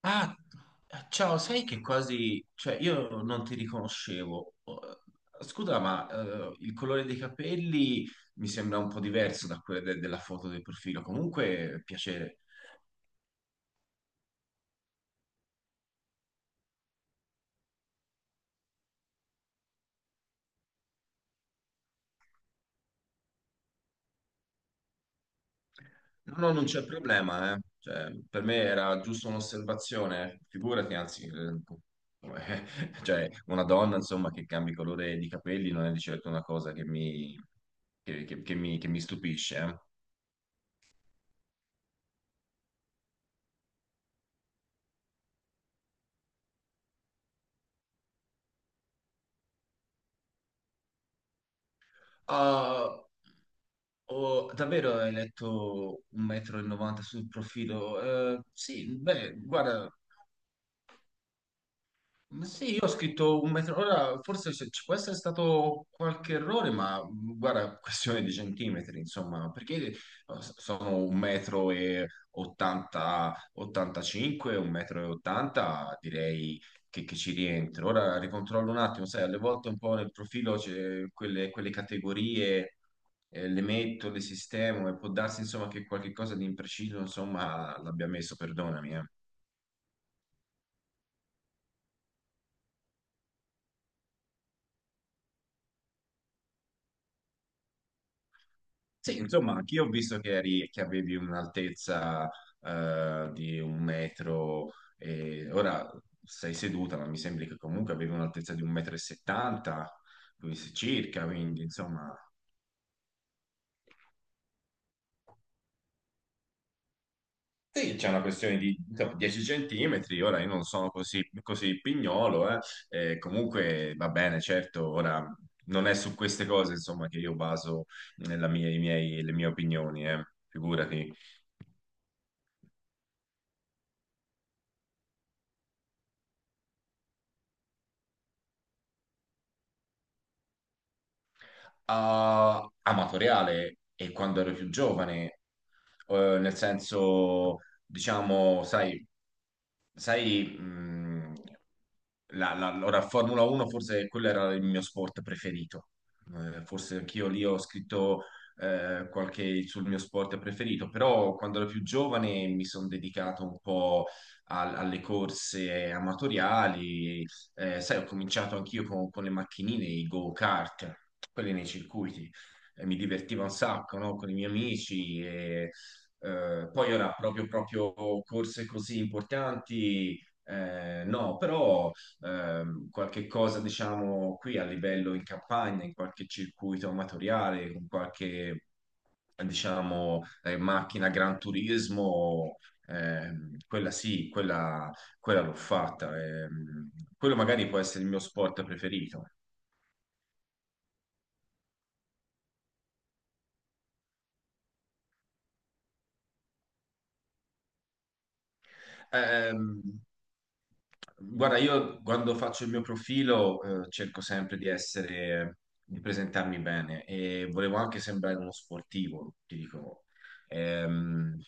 Ah, Ciao, sai che quasi, cioè io non ti riconoscevo. Scusa, ma il colore dei capelli mi sembra un po' diverso da quello della foto del profilo. Comunque, piacere. No, no, non c'è problema, eh. Cioè, per me era giusto un'osservazione, figurati, anzi, cioè, una donna, insomma, che cambi colore di capelli non è di certo una cosa che mi, che mi stupisce, eh. Ah, Davvero hai letto 1,90 m sul profilo? Sì, beh, guarda. Ma sì, io ho scritto un metro, ora forse ci può essere stato qualche errore, ma guarda, questione di centimetri, insomma, perché sono un metro e 80, 85, un metro e 80, direi che ci rientro. Ora ricontrollo un attimo, sai, alle volte un po' nel profilo c'è quelle categorie, le metto, le sistemo e può darsi, insomma, che qualche cosa di impreciso, insomma, l'abbia messo, perdonami, eh. Sì, insomma, anch'io ho visto che, che avevi un'altezza di un metro, e ora sei seduta, ma mi sembra che comunque avevi un'altezza di un metro e 70, quindi circa, quindi insomma. Sì, c'è una questione di insomma, 10 centimetri, ora io non sono così, così pignolo, e comunque va bene, certo, ora non è su queste cose insomma che io baso nella mia- i miei- le mie opinioni, figurati. Amatoriale e quando ero più giovane, nel senso, diciamo, sai, ora Formula 1 forse quello era il mio sport preferito. Forse anch'io lì ho scritto qualche sul mio sport preferito, però quando ero più giovane mi sono dedicato un po' alle corse amatoriali. Sai, ho cominciato anch'io con le macchinine, i go-kart, quelli nei circuiti. Mi divertiva un sacco, no? Con i miei amici e poi ora proprio, proprio corse così importanti, no, però qualche cosa diciamo qui a livello in campagna, in qualche circuito amatoriale, con qualche diciamo macchina Gran Turismo, quella sì, quella l'ho fatta. Quello magari può essere il mio sport preferito. Ehm, Guarda, io quando faccio il mio profilo cerco sempre di essere, di presentarmi bene e volevo anche sembrare uno sportivo, ti dico. Ehm,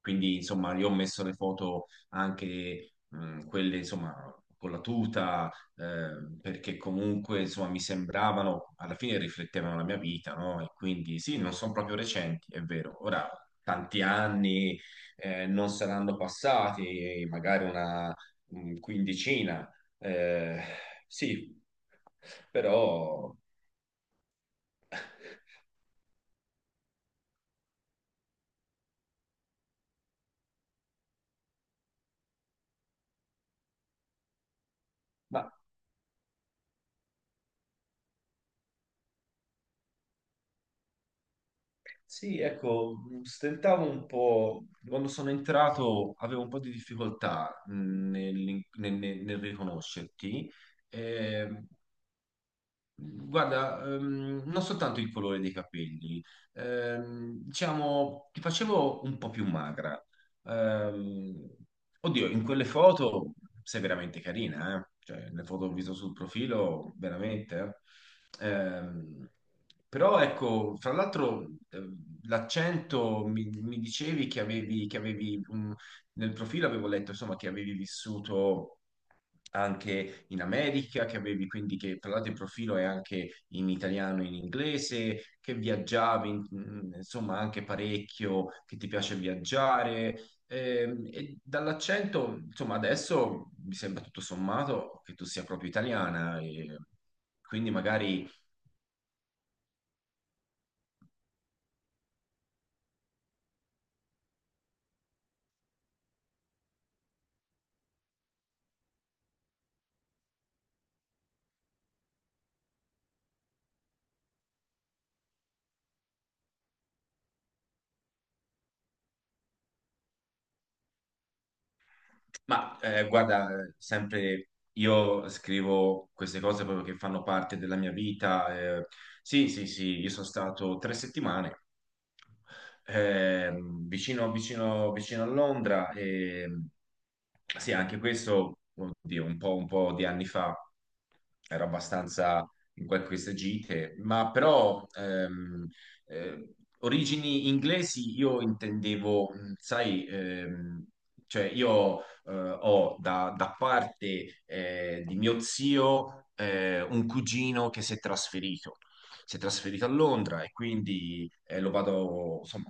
quindi, insomma, io ho messo le foto anche quelle, insomma, con la tuta, perché comunque, insomma, mi sembravano, alla fine riflettevano la mia vita, no? E quindi sì, non sono proprio recenti, è vero. Ora, tanti anni non saranno passati magari una quindicina. eh, sì, però, ma sì, ecco, stentavo un po', quando sono entrato avevo un po' di difficoltà nel riconoscerti, eh, Guarda, non soltanto il colore dei capelli, diciamo, ti facevo un po' più magra. Ehm, Oddio, in quelle foto sei veramente carina, eh? Cioè, le foto che ho visto sul profilo, veramente. eh. Ehm, Però ecco, fra l'altro, l'accento mi dicevi che avevi nel profilo avevo letto, insomma, che avevi vissuto anche in America, che avevi quindi che parlate il profilo è anche in italiano e in inglese, che viaggiavi, insomma, anche parecchio, che ti piace viaggiare. E dall'accento, insomma, adesso mi sembra tutto sommato che tu sia proprio italiana, e quindi magari. Ma guarda, sempre io scrivo queste cose proprio che fanno parte della mia vita. Sì, sì, sì, io sono stato 3 settimane vicino a Londra e sì, anche questo, oddio, un po' di anni fa ero abbastanza in queste gite, ma però eh, origini inglesi io intendevo, sai, cioè io eh, ho da parte di mio zio un cugino che si è trasferito. Si è trasferito a Londra e quindi lo vado, insomma,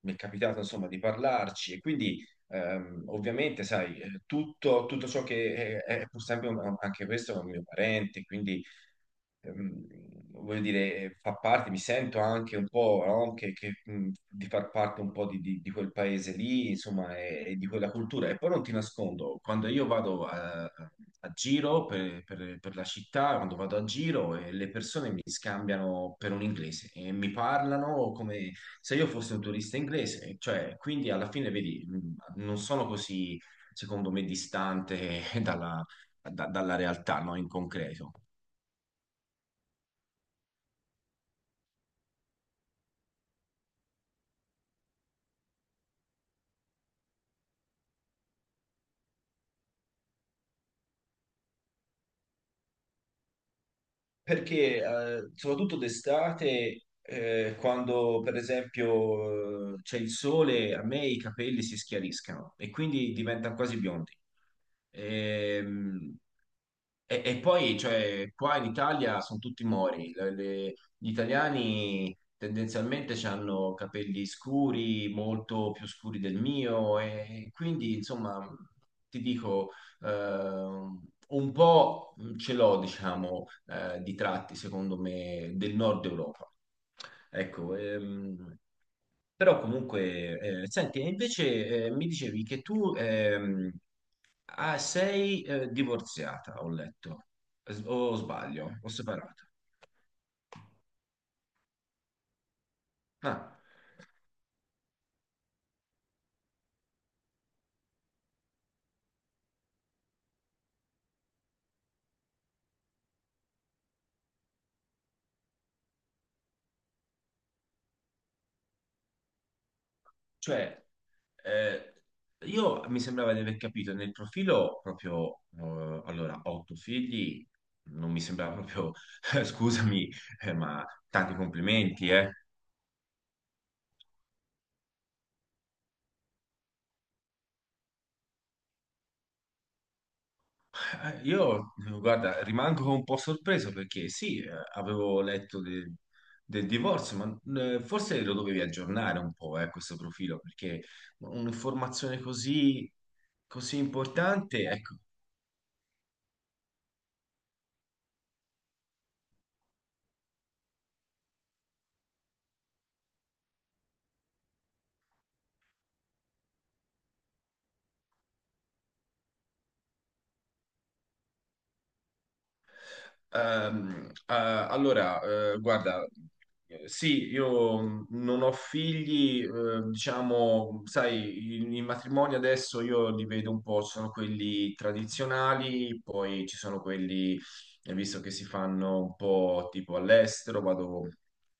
mi è capitato insomma di parlarci e quindi ovviamente, sai, tutto ciò che è pur sempre anche questo è un mio parente, quindi ehm, voglio dire, fa parte, mi sento anche un po', no? Di far parte un po' di quel paese lì, insomma, e di quella cultura. E poi non ti nascondo, quando io vado a giro per la città, quando vado a giro, le persone mi scambiano per un inglese e mi parlano come se io fossi un turista inglese, cioè, quindi alla fine, vedi, non sono così, secondo me, distante dalla realtà, no? In concreto. Perché soprattutto d'estate, quando per esempio c'è il sole, a me i capelli si schiariscano e quindi diventano quasi biondi. Ehm, e poi, cioè, qua in Italia sono tutti mori, gli italiani tendenzialmente hanno capelli scuri, molto più scuri del mio, e quindi, insomma, ti dico, ehm, un po' ce l'ho, diciamo, di tratti, secondo me, del nord Europa. Ecco, però comunque, senti, e invece mi dicevi che tu ah, sei divorziata, ho letto, o sbaglio, o separata. Ah, cioè, eh, io mi sembrava di aver capito nel profilo proprio, allora, otto figli, non mi sembrava proprio, scusami, ma tanti complimenti, eh. Io, guarda, rimango un po' sorpreso perché sì, avevo letto del divorzio, ma forse lo dovevi aggiornare un po', questo profilo, perché un'informazione così, così importante, ecco. Allora, guarda, sì, io non ho figli, diciamo, sai, i matrimoni adesso io li vedo un po', ci sono quelli tradizionali, poi ci sono quelli, visto che si fanno un po' tipo all'estero, vado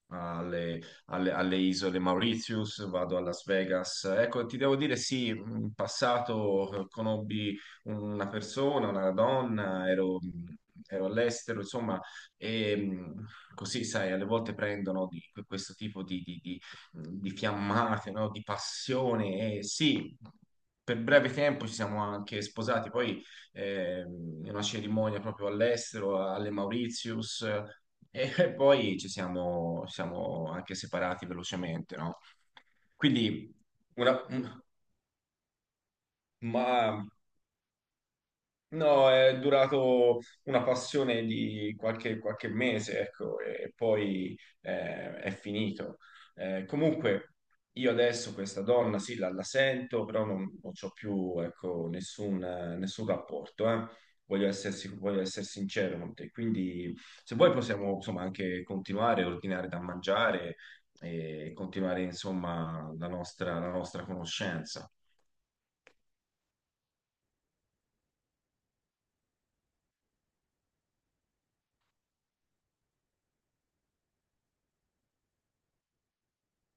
alle, alle isole Mauritius, vado a Las Vegas. Ecco, ti devo dire, sì, in passato conobbi una persona, una donna, ero all'estero, insomma, e così, sai, alle volte prendono questo tipo di fiammate, no? Di passione, e sì. Per breve tempo ci siamo anche sposati, poi in una cerimonia proprio all'estero, alle Mauritius, e poi ci siamo anche separati velocemente, no? Quindi, una, un- ma no, è durato una passione di qualche mese, ecco, e poi è finito. Comunque, io adesso questa donna, sì, la sento, però non c'ho più, ecco, nessun rapporto, eh. Voglio essere sincero con te. Quindi, se vuoi, possiamo, insomma, anche continuare, ordinare da mangiare e continuare, insomma, la nostra conoscenza.